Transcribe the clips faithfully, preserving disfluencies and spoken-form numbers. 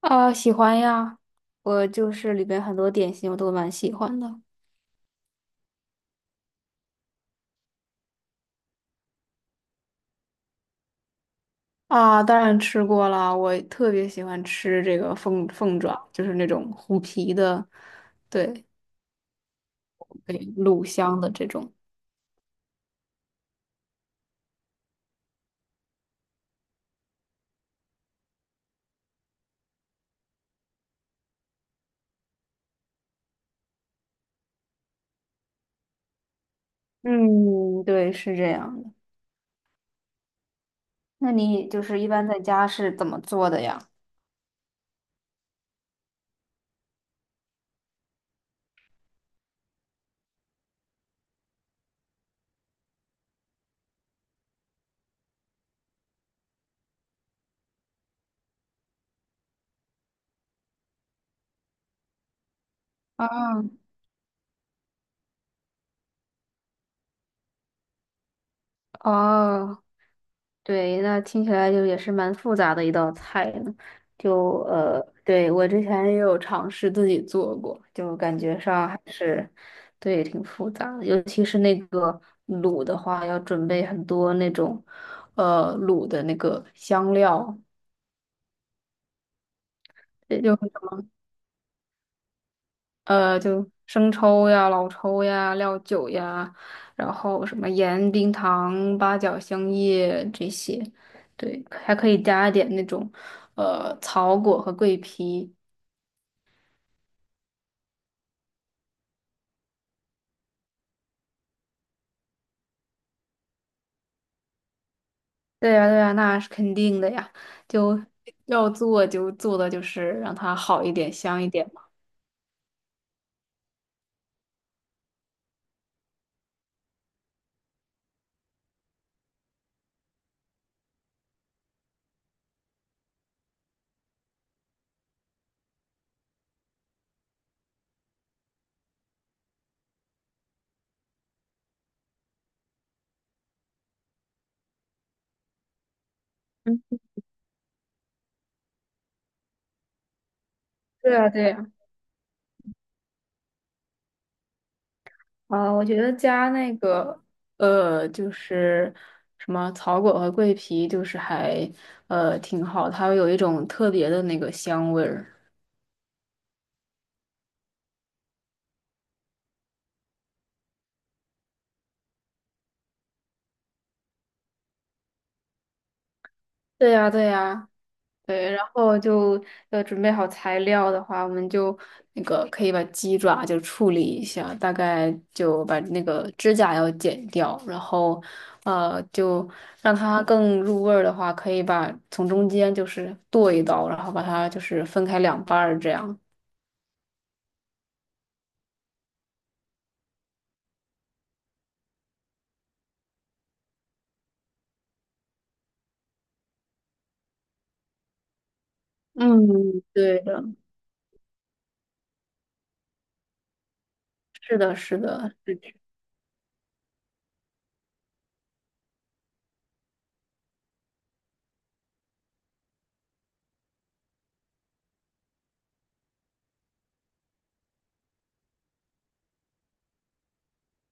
啊，喜欢呀，我就是里边很多点心我都蛮喜欢的。啊，当然吃过了，我特别喜欢吃这个凤凤爪，就是那种虎皮的，对对，卤香的这种。嗯，对，是这样的。那你就是一般在家是怎么做的呀？啊，哦，对，那听起来就也是蛮复杂的一道菜呢。就呃，对，我之前也有尝试自己做过，就感觉上还是，对，挺复杂的。尤其是那个卤的话，要准备很多那种，呃，卤的那个香料，也就很呃，就生抽呀、老抽呀、料酒呀，然后什么盐、冰糖、八角、香叶这些，对，还可以加一点那种，呃，草果和桂皮。对呀，对呀，那是肯定的呀，就要做就做的就是让它好一点、香一点嘛。对呀，对呀，啊，我觉得加那个，呃，就是什么草果和桂皮，就是还呃挺好，它会有一种特别的那个香味儿。对呀，对呀，对，然后就要准备好材料的话，我们就那个可以把鸡爪就处理一下，大概就把那个指甲要剪掉，然后呃就让它更入味儿的话，可以把从中间就是剁一刀，然后把它就是分开两半儿这样。嗯，对的，是的，是的，是这样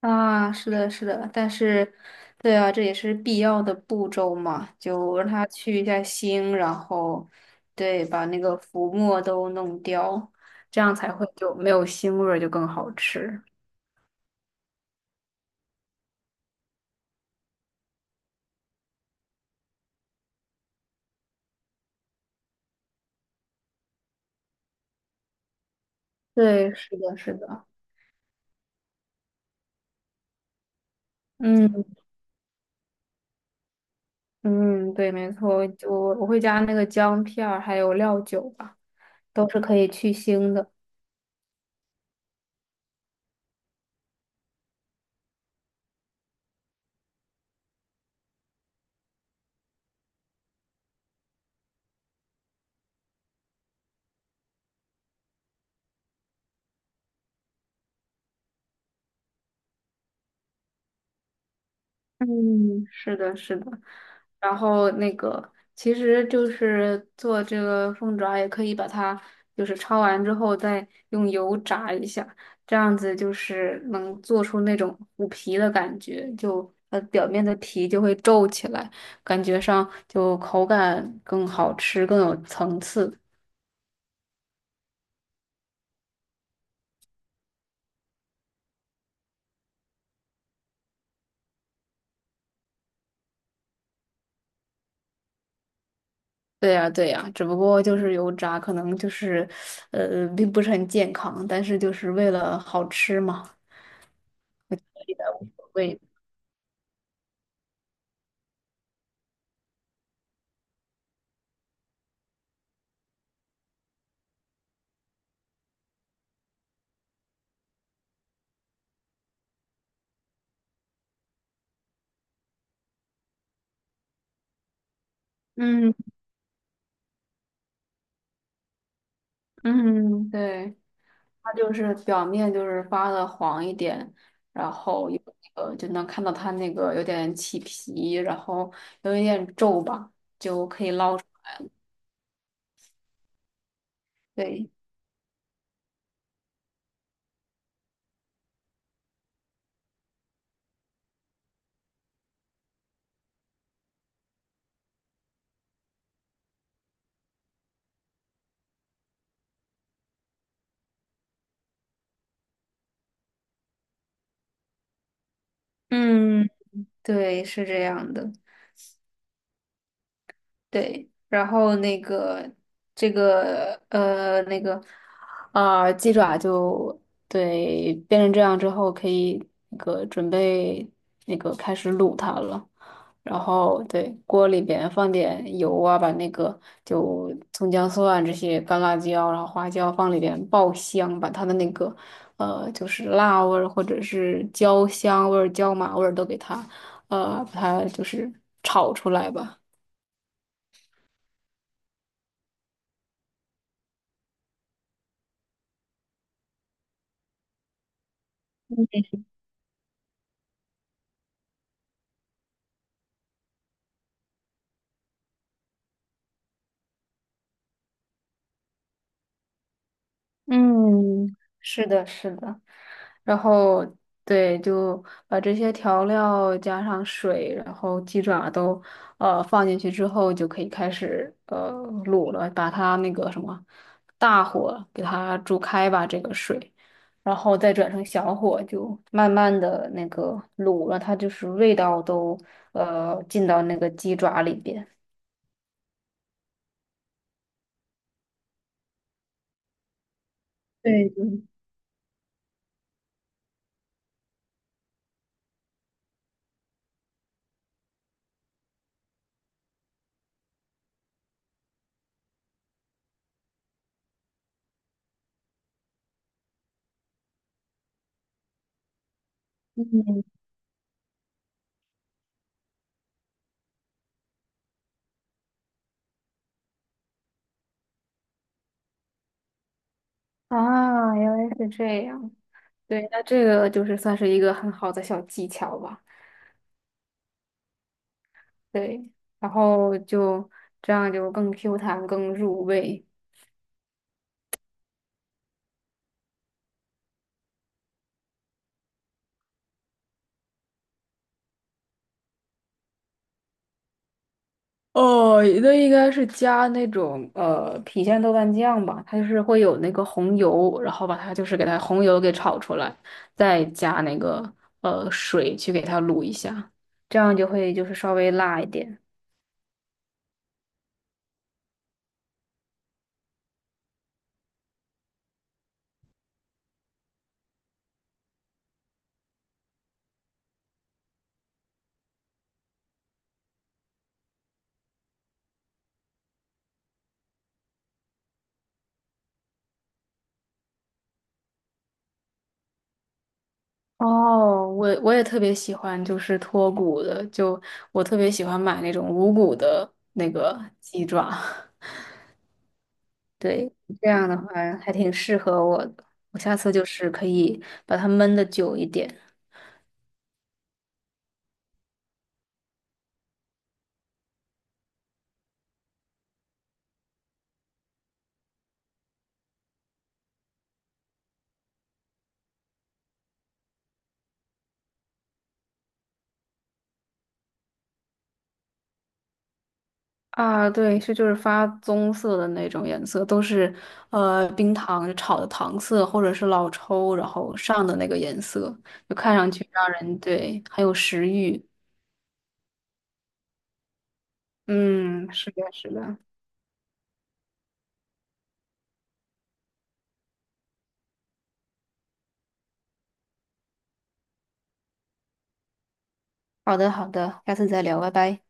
啊，是的，是的，但是，对啊，这也是必要的步骤嘛，就让它去一下腥，然后，对，把那个浮沫都弄掉，这样才会就没有腥味儿，就更好吃。对，是的，是的，嗯嗯，对，没错，我我会加那个姜片儿，还有料酒吧，都是可以去腥的。嗯，是的，是的。然后那个，其实就是做这个凤爪，也可以把它就是焯完之后再用油炸一下，这样子就是能做出那种虎皮的感觉，就它表面的皮就会皱起来，感觉上就口感更好吃，更有层次。对呀，对呀，只不过就是油炸，可能就是，呃，并不是很健康，但是就是为了好吃嘛，所以无所谓。嗯。嗯，对，它就是表面就是发的黄一点，然后有呃就能看到它那个有点起皮，然后有一点皱吧，就可以捞出来。对，嗯，对，是这样的。对，然后那个这个呃那个啊、鸡爪就对变成这样之后，可以那个准备那个开始卤它了。然后对锅里边放点油啊，把那个就葱姜蒜啊这些干辣椒，然后花椒放里边爆香，把它的那个呃就是辣味儿或者是焦香味儿、椒麻味儿都给它呃把它就是炒出来吧。嗯，是的，是的，然后对，就把这些调料加上水，然后鸡爪都呃放进去之后，就可以开始呃卤了，把它那个什么大火给它煮开吧，这个水，然后再转成小火，就慢慢的那个卤，让它就是味道都呃进到那个鸡爪里边。对对，嗯啊，原来是这样。对，那这个就是算是一个很好的小技巧吧。对，然后就这样就更 Q 弹、更入味。哦，那应该是加那种呃，郫县豆瓣酱吧，它就是会有那个红油，然后把它就是给它红油给炒出来，再加那个呃水去给它卤一下，这样就会就是稍微辣一点。哦，我我也特别喜欢，就是脱骨的，就我特别喜欢买那种无骨的那个鸡爪，对，这样的话还挺适合我的。我下次就是可以把它焖的久一点啊，对，是就是发棕色的那种颜色，都是呃冰糖炒的糖色或者是老抽然后上的那个颜色，就看上去让人对很有食欲。嗯，是的，是的。好的，好的，下次再聊，拜拜。